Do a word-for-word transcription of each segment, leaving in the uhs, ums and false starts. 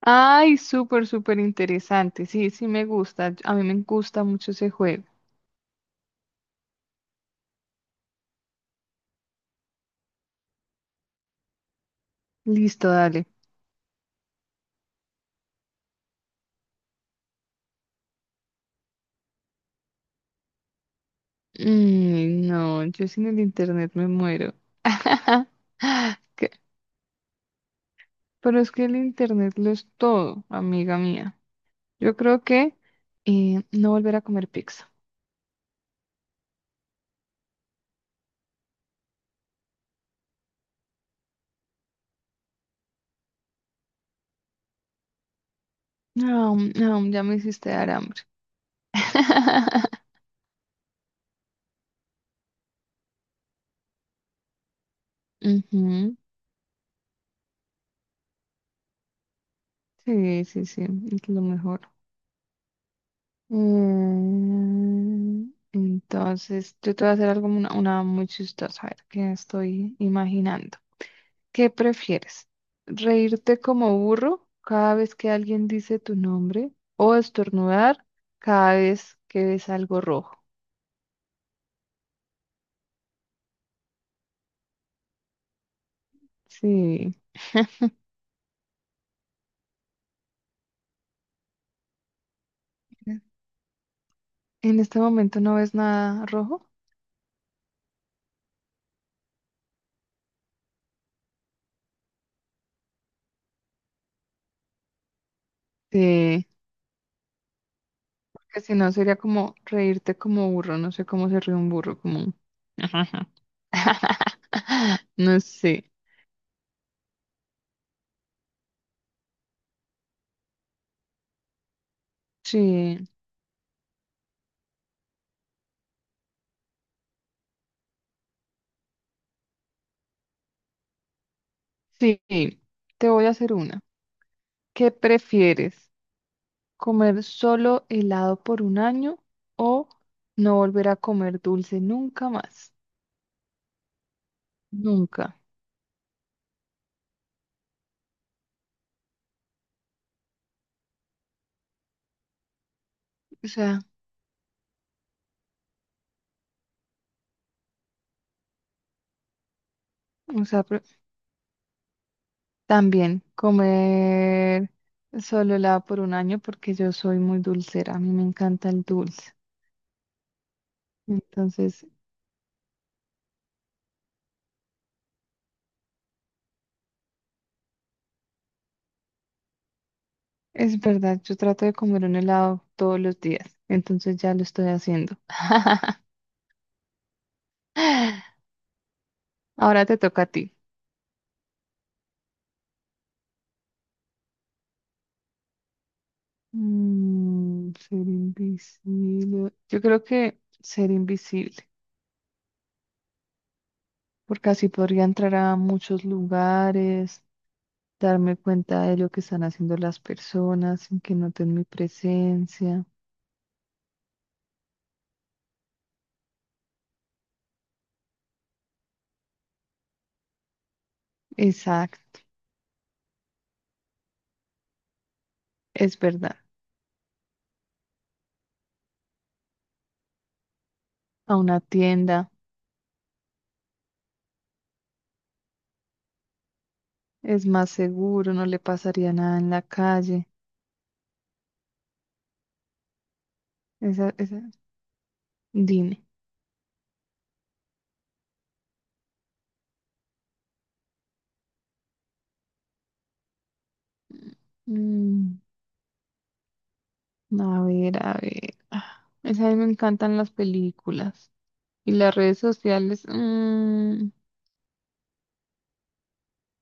Ay, súper, súper interesante. Sí, sí me gusta. A mí me gusta mucho ese juego. Listo, dale. Mm, no, yo sin el internet me muero. Que- Pero es que el internet lo es todo, amiga mía. Yo creo que eh, no volver a comer pizza. No, no, ya me hiciste dar hambre. Ujú. Sí, sí, sí, es lo mejor. Mm, Entonces, yo te voy a hacer algo, una, una muy chistosa, a ver, que estoy imaginando. ¿Qué prefieres? ¿Reírte como burro cada vez que alguien dice tu nombre o estornudar cada vez que ves algo rojo? Sí. ¿En este momento no ves nada rojo? Sí. Porque si no, sería como reírte como burro. No sé cómo se ríe un burro, como... No sé. Sí. Sí, te voy a hacer una. ¿Qué prefieres? ¿Comer solo helado por un año o no volver a comer dulce nunca más? Nunca. O sea, o sea, pre- también comer solo helado por un año porque yo soy muy dulcera. A mí me encanta el dulce. Entonces, es verdad, yo trato de comer un helado todos los días. Entonces ya lo estoy haciendo. Ahora te toca a ti. Mm, ser invisible. Yo creo que ser invisible, porque así podría entrar a muchos lugares, darme cuenta de lo que están haciendo las personas sin que noten mi presencia. Exacto, es verdad. A una tienda es más seguro, no le pasaría nada en la calle. Esa, esa, dime. Mm, a ver, a ver. Ah, esa a mí me encantan las películas. Y las redes sociales, mm,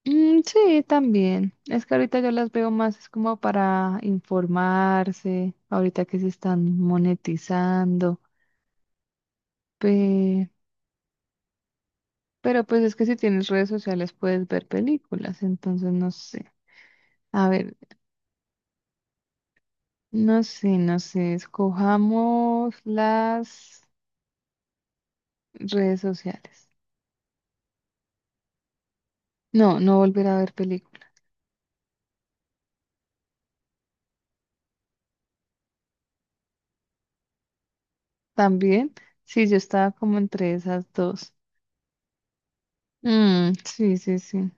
mm, sí, también. Es que ahorita yo las veo más es como para informarse, ahorita que se están monetizando. pe- pero pues es que si tienes redes sociales puedes ver películas, entonces no sé. A ver, no sé, no sé, escojamos las redes sociales. No, no volver a ver películas. También, sí, yo estaba como entre esas dos. Mm, sí, sí, sí.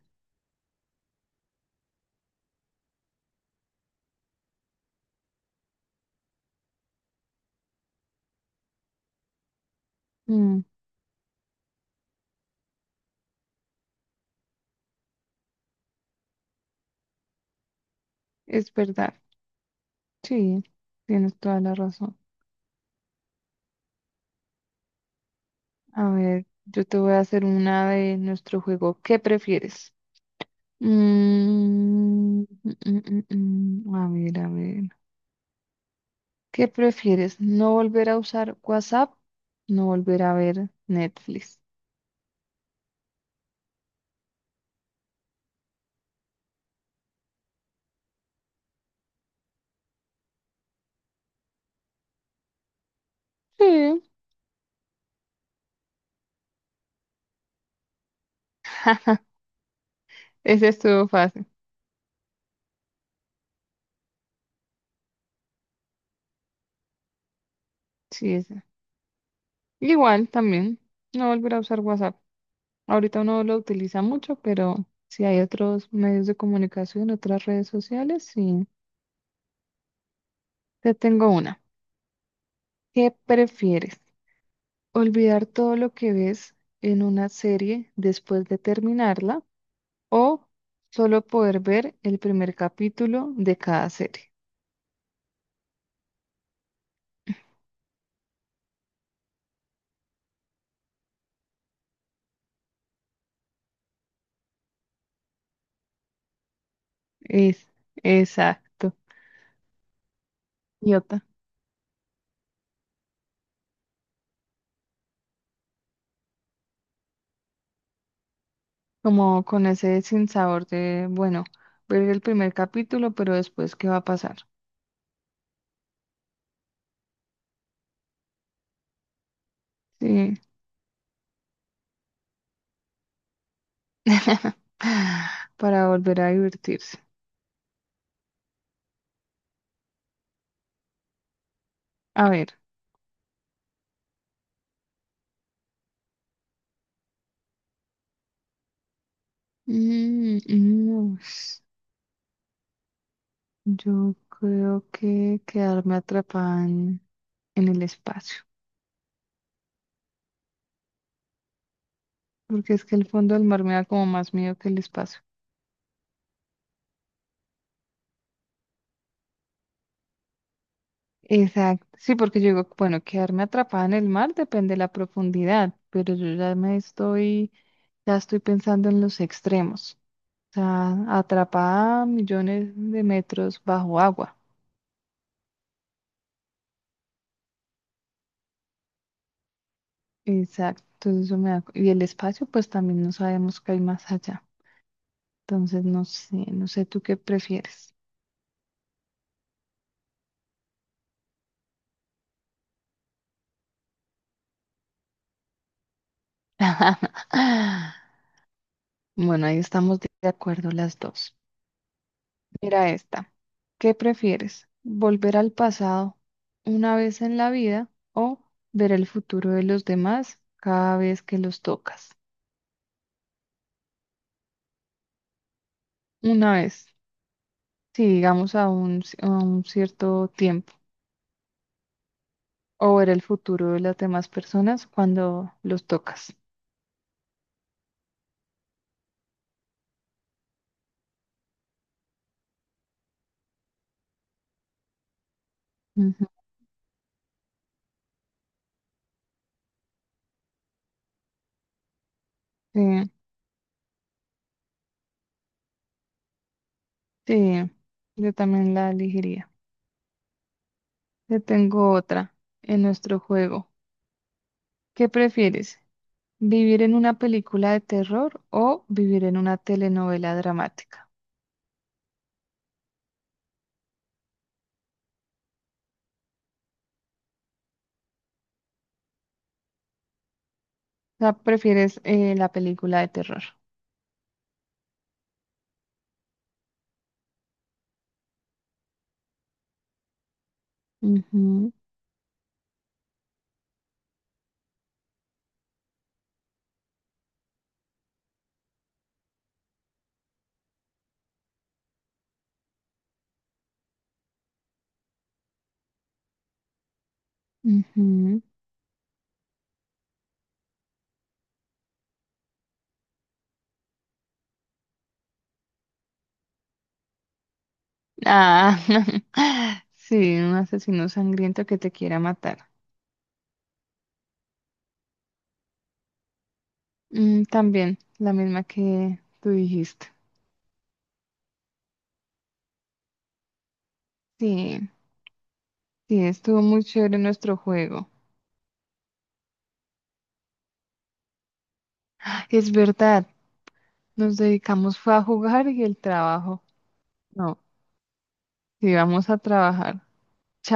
Mm. Es verdad, sí, tienes toda la razón. A ver, yo te voy a hacer una de nuestro juego. ¿Qué prefieres? Mm, mm, mm, mm, mm. A ver, a ver. ¿Qué prefieres? ¿No volver a usar WhatsApp? ¿No volver a ver Netflix? Sí, ese estuvo fácil. Sí, ese. Igual también, no volver a usar WhatsApp. Ahorita uno lo utiliza mucho, pero si hay otros medios de comunicación, otras redes sociales, sí. Te tengo una. ¿Qué prefieres? ¿Olvidar todo lo que ves en una serie después de terminarla o solo poder ver el primer capítulo de cada serie? Es, exacto. Idiota. Como con ese sinsabor de, bueno, ver el primer capítulo, pero después, ¿qué va a pasar? Sí. Para volver a divertirse. A ver. Mm, mm, yo creo que quedarme atrapada en, en el espacio, porque es que el fondo del mar me da como más miedo que el espacio. Exacto, sí, porque yo digo, bueno, quedarme atrapada en el mar depende de la profundidad, pero yo ya me estoy, ya estoy pensando en los extremos, o sea, atrapada a millones de metros bajo agua. Exacto, entonces eso me da, y el espacio, pues también no sabemos qué hay más allá. Entonces, no sé, no sé tú qué prefieres. Bueno, ahí estamos de de acuerdo las dos. Mira esta. ¿Qué prefieres? ¿Volver al pasado una vez en la vida o ver el futuro de los demás cada vez que los tocas? Una vez, sí, digamos a un, ci- a un cierto tiempo, o ver el futuro de las demás personas cuando los tocas. Ujú. Sí, sí, yo también la elegiría. Te tengo otra en nuestro juego. ¿Qué prefieres? ¿Vivir en una película de terror o vivir en una telenovela dramática? O sea, prefieres eh, la película de terror. Ujú, ujú. Ah, sí, un asesino sangriento que te quiera matar. Mm, también, la misma que tú dijiste. Sí, sí, estuvo muy chévere nuestro juego. Es verdad, nos dedicamos fue a jugar y el trabajo. No, sí, vamos a trabajar. Chao.